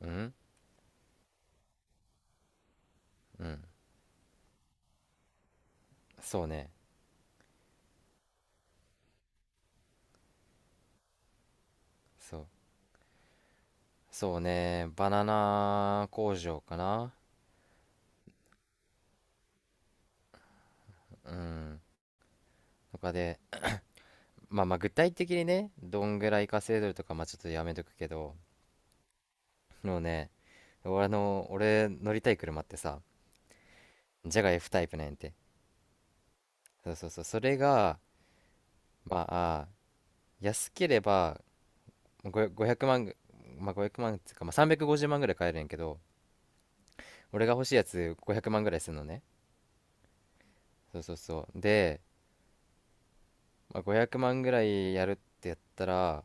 うんうん、そうね。そうそうね、バナナ工場かな。うん、とかで、まあまあ具体的にね、どんぐらい稼いでるとか、まあちょっとやめとくけど。もうね、俺乗りたい車ってさ、ジャガ F タイプなんやて。そうそうそう、それがまあ、安ければ、500万まあ500万っつうか、まあ350万ぐらい買えるんやけど、俺が欲しいやつ500万ぐらいするのね。そうそうそう、で、まあ、500万ぐらいやるってやったら、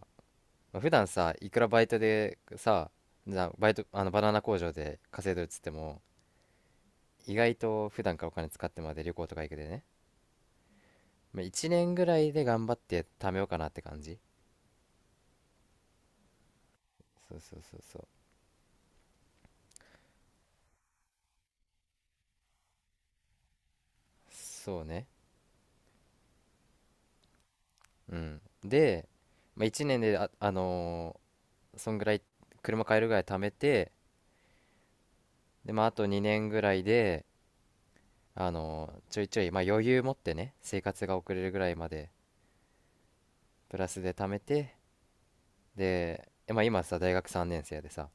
まあ、普段さいくらバイトでさ、じゃあバイト、バナナ工場で稼いでるっつっても、意外と普段からお金使ってまで旅行とか行くでね、まあ、1年ぐらいで頑張って貯めようかなって感じ。そうそうそうそう。そうね。うん、で、まあ、1年で、そんぐらい、車買えるぐらい貯めて、で、まあ、あと2年ぐらいで、ちょいちょい、まあ、余裕持ってね生活が送れるぐらいまでプラスで貯めて、で、まあ、今さ大学3年生でさ、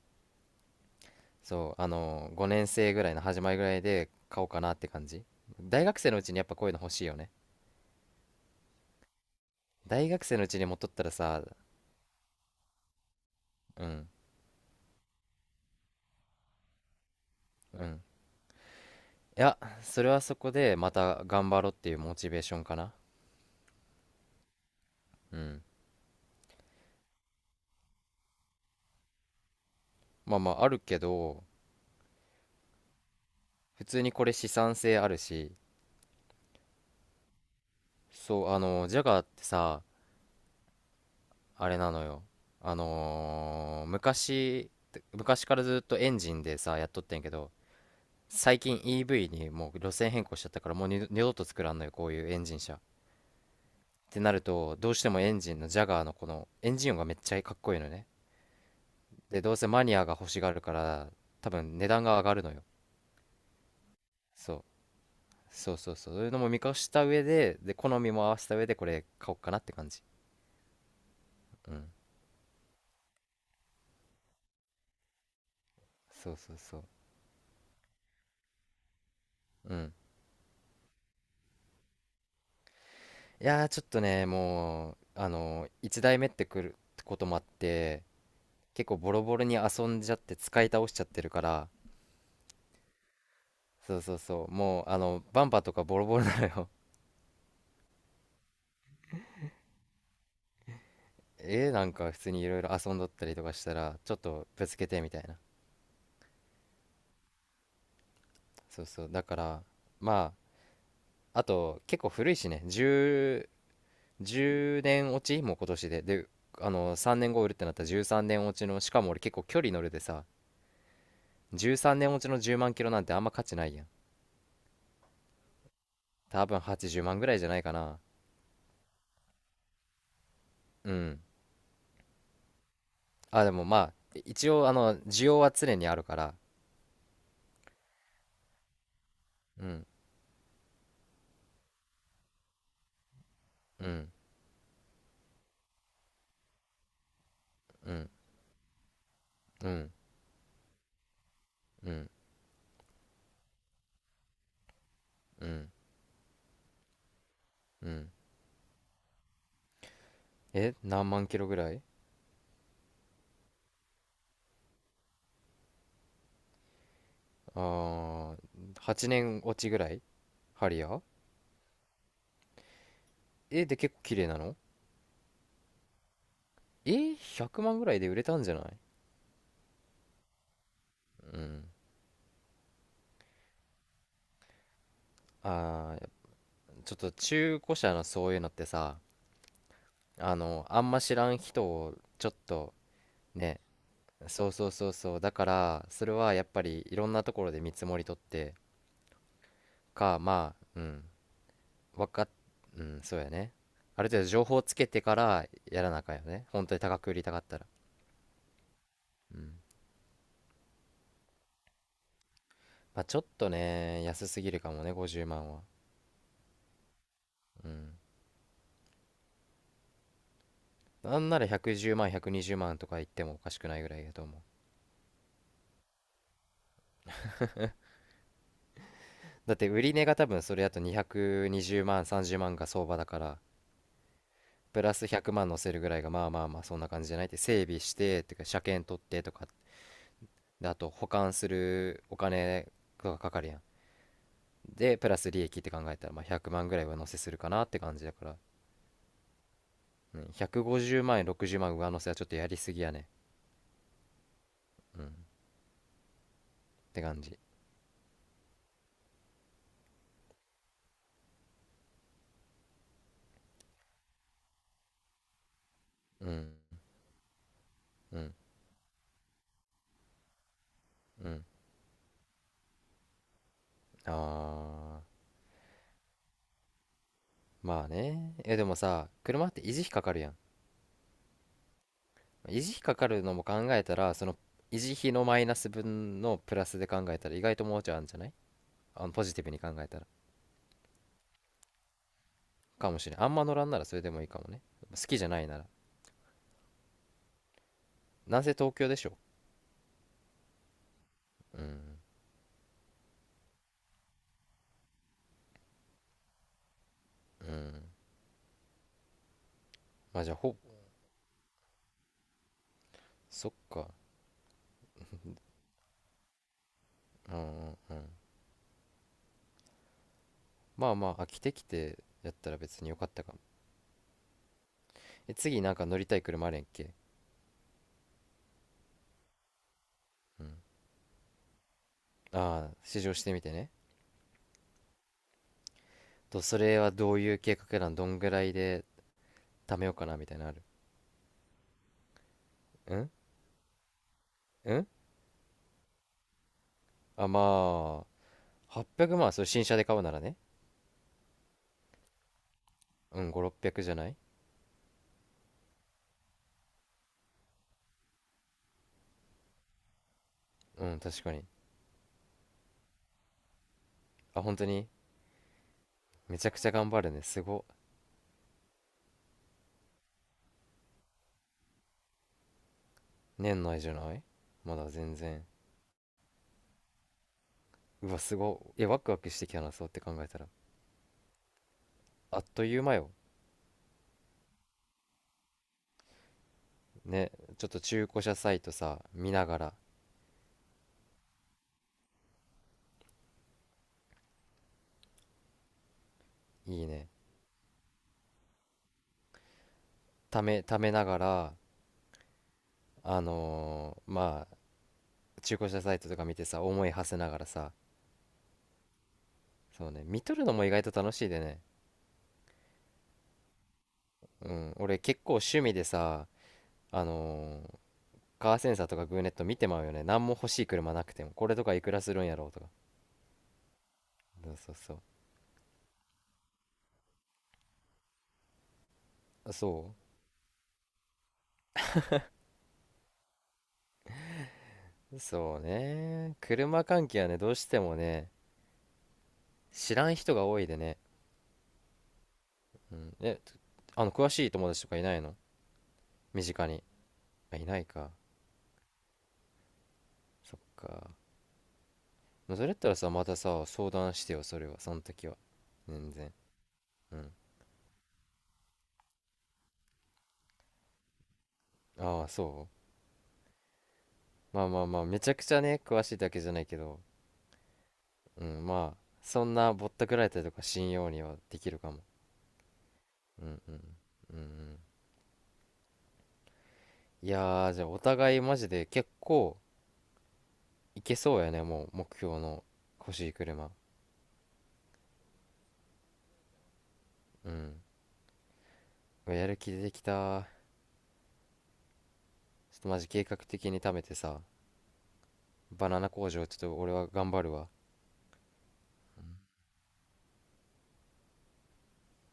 そう、5年生ぐらいの始まりぐらいで買おうかなって感じ。大学生のうちにやっぱこういうの欲しいよね。大学生のうちに持っとったらさ。うんうん。いや、それはそこでまた頑張ろうっていうモチベーションかな。うん。まあまああるけど、普通にこれ資産性あるし。そう、あのジャガーってさ、あれなのよ。あのー昔昔からずっとエンジンでさやっとってんけど、最近 EV にもう路線変更しちゃったから、もう二度と作らんのよ、こういうエンジン車って。なるとどうしてもエンジンのジャガーのこのエンジン音がめっちゃかっこいいのね。で、どうせマニアが欲しがるから、多分値段が上がるのよ。そうそうそうそう、そういうのも見越した上で、好みも合わせた上でこれ買おうかなって感じ。うん、そうそうそう。うん、いやー、ちょっとね、もうあの1台目ってくるってこともあって、結構ボロボロに遊んじゃって使い倒しちゃってるから。そうそうそう、もうあのバンパーとかボロボロなのよ。 え、なんか普通にいろいろ遊んどったりとかしたら、ちょっとぶつけてみたいな。そうそう、だから、まああと結構古いしね、10年落ち、もう今年であの3年後売るってなったら13年落ちの、しかも俺結構距離乗るでさ、13年落ちの10万キロなんてあんま価値ないやん。多分80万ぐらいじゃないかな。うん、あでもまあ一応あの需要は常にあるから。うんうんうんうんうんうん。うん。え、何万キロぐらい。あー、8年落ちぐらい。ハリアー。え、で結構綺麗なの。え、100万ぐらいで売れたんじゃない。うん。あー、ちょっと中古車のそういうのってさ、あの、あんま知らん人をちょっとね。そうそうそうそう。だから、それはやっぱりいろんなところで見積もり取ってか、まあ、うん、わかっ、うん、そうやね。ある程度情報つけてからやらなあかんよね。本当に高く売りたかったら。うん。まあ、ちょっとね、安すぎるかもね、50万は。うん。なんなら110万、120万とか言ってもおかしくないぐらいだと思う。だって売り値が多分それだと220万、30万が相場だから、プラス100万乗せるぐらいがまあまあまあそんな感じじゃないって。整備して、とてか車検取ってとか、で、あと保管するお金がかかるやん。で、プラス利益って考えたら、まあ100万ぐらい上乗せするかなって感じだから、うん、150万円、60万上乗せはちょっとやりすぎやね。うん。って感じ。うん。うん。うん。ああ、まあね。え、でもさ、車って維持費かかるやん。維持費かかるのも考えたら、その維持費のマイナス分のプラスで考えたら意外ともうちょいあるんじゃない、あのポジティブに考えたら。かもしれん。あんま乗らんならそれでもいいかもね。好きじゃないなら。なんせ東京でしょ。うん、うん。まあじゃあ、そっか。うんうんうん。まあまあ、飽きてきてやったら別によかったかも。え、次なんか乗りたい車あるやんけ。ああ、試乗してみてね。と、それはどういう計画なん、どんぐらいで貯めようかなみたいなのある。うんうん。あ、まあ800万、それ新車で買うならね。うん、500〜600じゃない。うん、確かに。あ、本当に。めちゃくちゃ頑張るね、すご。年内じゃない。まだ全然。うわすごいワクワクしてきたな、そうって考えたら、あっという間よ。ね、ちょっと中古車サイトさ見ながら、いいね。ためながら、まあ中古車サイトとか見てさ思い馳せながらさ、そうね、見とるのも意外と楽しいでね。うん、俺結構趣味でさ、あのーカーセンサーとかグーネット見てまうよね。何も欲しい車なくても。これとかいくらするんやろうとか。そうそうそう。そうそうね、車関係はね、どうしてもね、知らん人が多いでね。うん。え、あの、詳しい友達とかいないの、身近に。あ、いないか。そっか。それやったらさ、またさ、相談してよ、それは。その時は。全然。うん。ああ、そう。まあまあまあ、めちゃくちゃね、詳しいだけじゃないけど、うん、まあ、そんなぼったくられたりとか信用にはできるかも。うんうん。うんうん。いやー、じゃあお互いマジで結構いけそうやね、もう目標の欲しい車。うん。うわやる気出てきた。ちょっとマジ計画的に貯めてさ、バナナ工場ちょっと俺は頑張るわ。